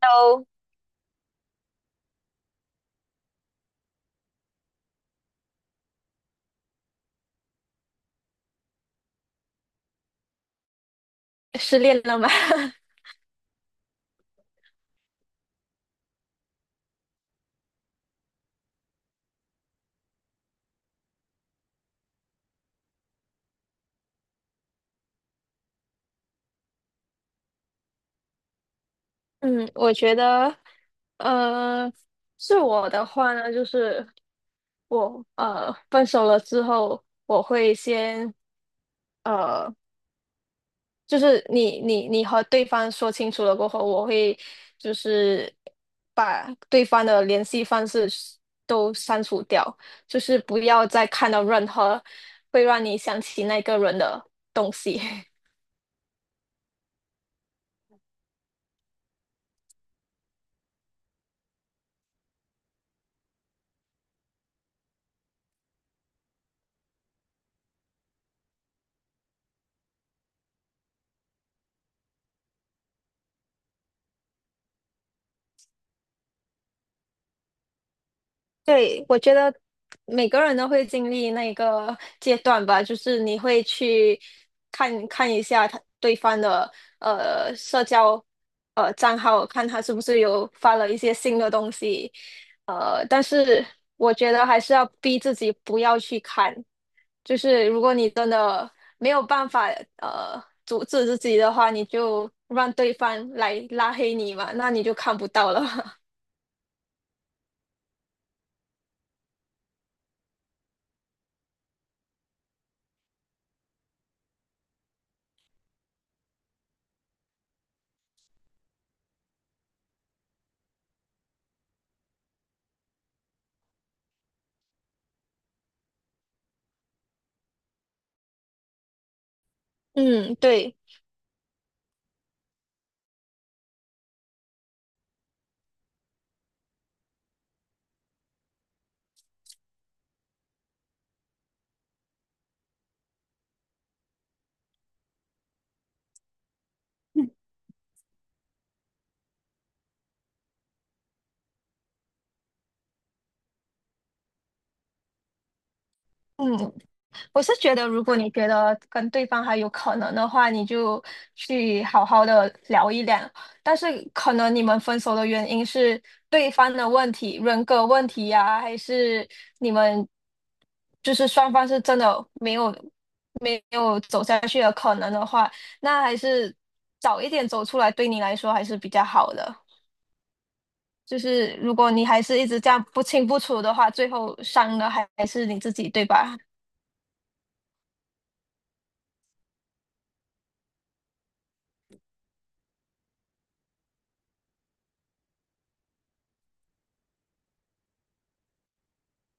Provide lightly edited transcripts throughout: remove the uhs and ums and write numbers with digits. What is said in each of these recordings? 都失恋了吗？嗯，我觉得，呃，是我的话呢，就是我分手了之后，我会先呃，就是你和对方说清楚了过后，我会就是把对方的联系方式都删除掉，就是不要再看到任何会让你想起那个人的东西。对，我觉得每个人都会经历那个阶段吧，就是你会去看看一下他对方的社交账号，看他是不是有发了一些新的东西，但是我觉得还是要逼自己不要去看，就是如果你真的没有办法阻止自己的话，你就让对方来拉黑你嘛，那你就看不到了。嗯，对。嗯，我是觉得，如果你觉得跟对方还有可能的话，你就去好好的聊一聊。但是可能你们分手的原因是对方的问题、人格问题呀、还是你们就是双方是真的没有走下去的可能的话，那还是早一点走出来，对你来说还是比较好的。就是如果你还是一直这样不清不楚的话，最后伤的还是你自己，对吧？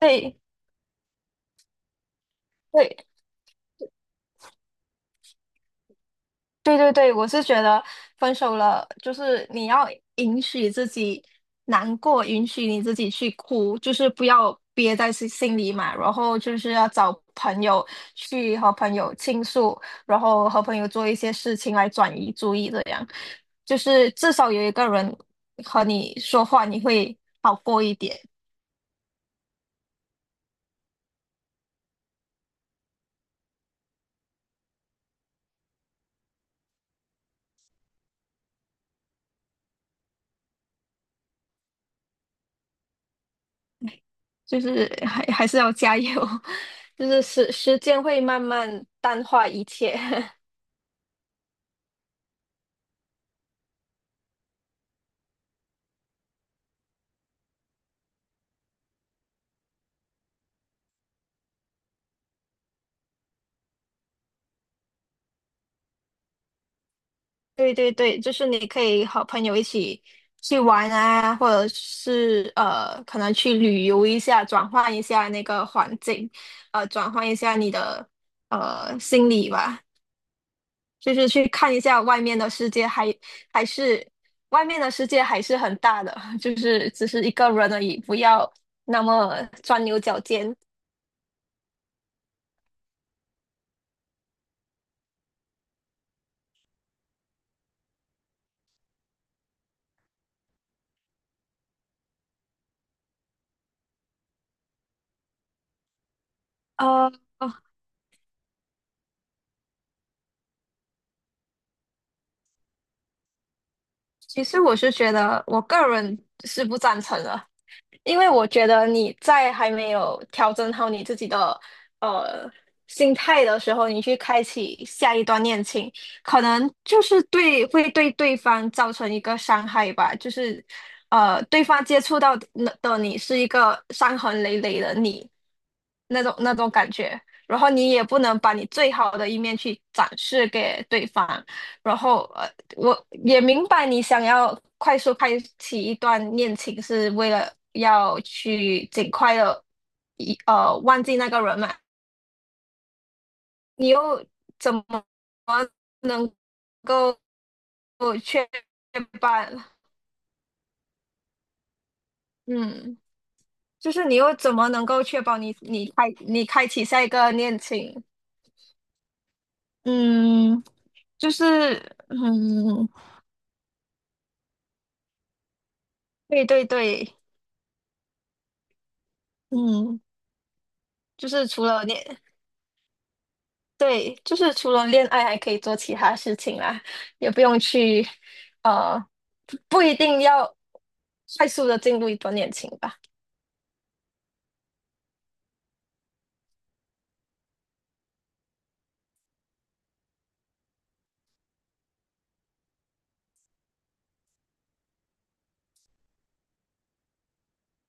对。对，对对对，我是觉得分手了，就是你要允许自己难过，允许你自己去哭，就是不要憋在心里嘛。然后就是要找朋友去和朋友倾诉，然后和朋友做一些事情来转移注意，这样就是至少有一个人和你说话，你会好过一点。就是还是要加油，就是时间会慢慢淡化一切。对对对，就是你可以和朋友一起去玩啊，或者是可能去旅游一下，转换一下那个环境，转换一下你的心理吧，就是去看一下外面的世界还，还是外面的世界还是很大的，就是只是一个人而已，不要那么钻牛角尖。呃，哦其实我是觉得我个人是不赞成的。因为我觉得你在还没有调整好你自己的呃心态的时候，你去开启下一段恋情，可能就是会对对方造成一个伤害吧，就是对方接触到的你是一个伤痕累累的你那种感觉，然后你也不能把你最好的一面去展示给对方，然后我也明白你想要快速开启一段恋情是为了要去尽快的忘记那个人嘛，你又怎么能够确保？嗯，就是你又怎么能够确保你开启下一个恋情？嗯，就是嗯，对对对，嗯，就是除了恋。对，就是除了恋爱还可以做其他事情啦，也不用去，呃，不一定要快速的进入一段恋情吧。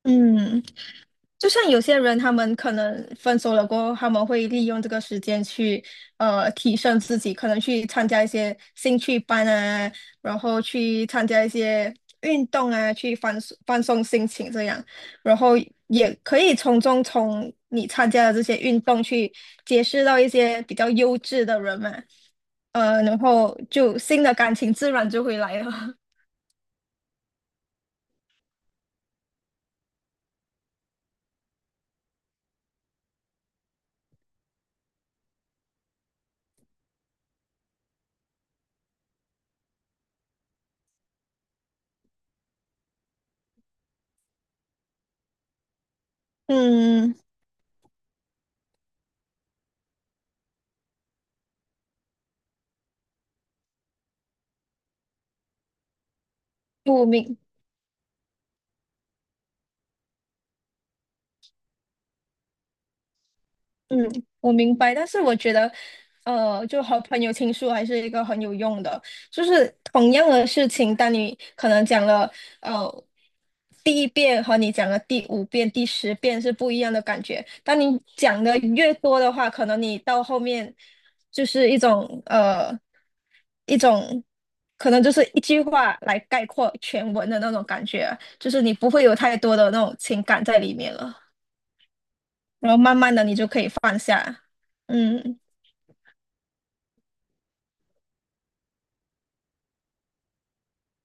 嗯。就像有些人，他们可能分手了过后，他们会利用这个时间去提升自己，可能去参加一些兴趣班啊，然后去参加一些运动啊，去放松放松心情这样，然后也可以从你参加的这些运动去结识到一些比较优质的人嘛，然后就新的感情自然就会来了。嗯，不明嗯，我明白，但是我觉得，就和朋友倾诉还是一个很有用的。就是同样的事情，当你可能讲了，呃，第一遍和你讲了第五遍、第十遍是不一样的感觉。当你讲的越多的话，可能你到后面就是一种一种可能就是一句话来概括全文的那种感觉，就是你不会有太多的那种情感在里面了。然后慢慢的你就可以放下。嗯，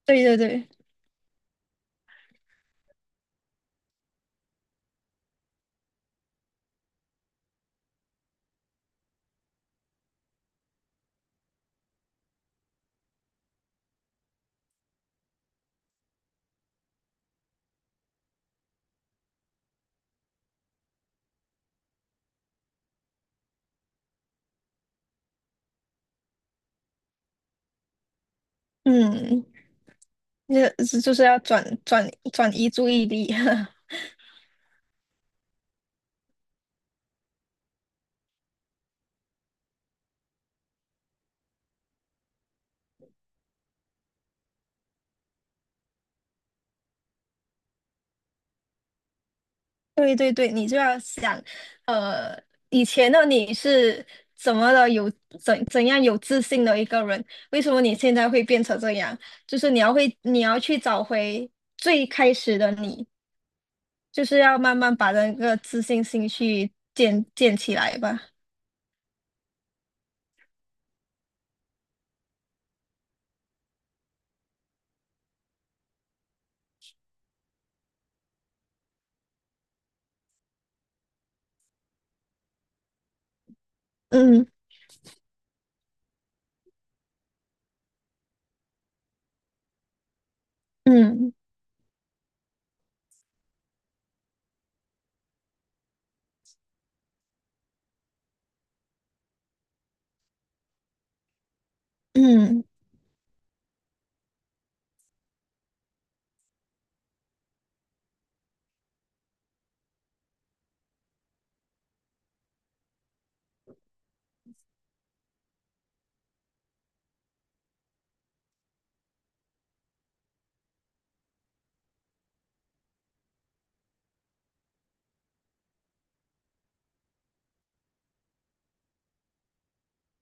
对对对，嗯，那就是要转移注意力。对对对，你就要想，呃，以前的你是怎么的有怎样有自信的一个人，为什么你现在会变成这样？你要去找回最开始的你，就是要慢慢把那个自信心去建起来吧。嗯嗯嗯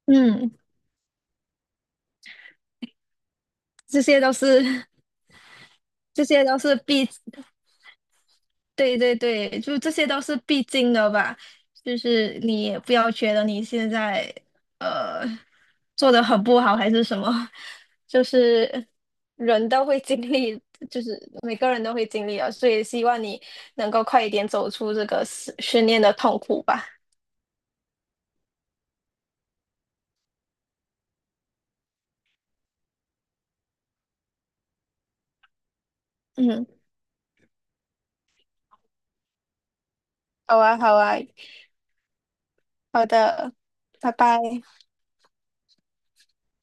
嗯，这些都是 这些都是必，对对对，就这些都是必经的吧。就是你也不要觉得你现在呃做的很不好还是什么，就是人都会经历，就是每个人都会经历啊，所以希望你能够快一点走出这个失训练的痛苦吧。嗯，好啊，好啊，好的，拜拜。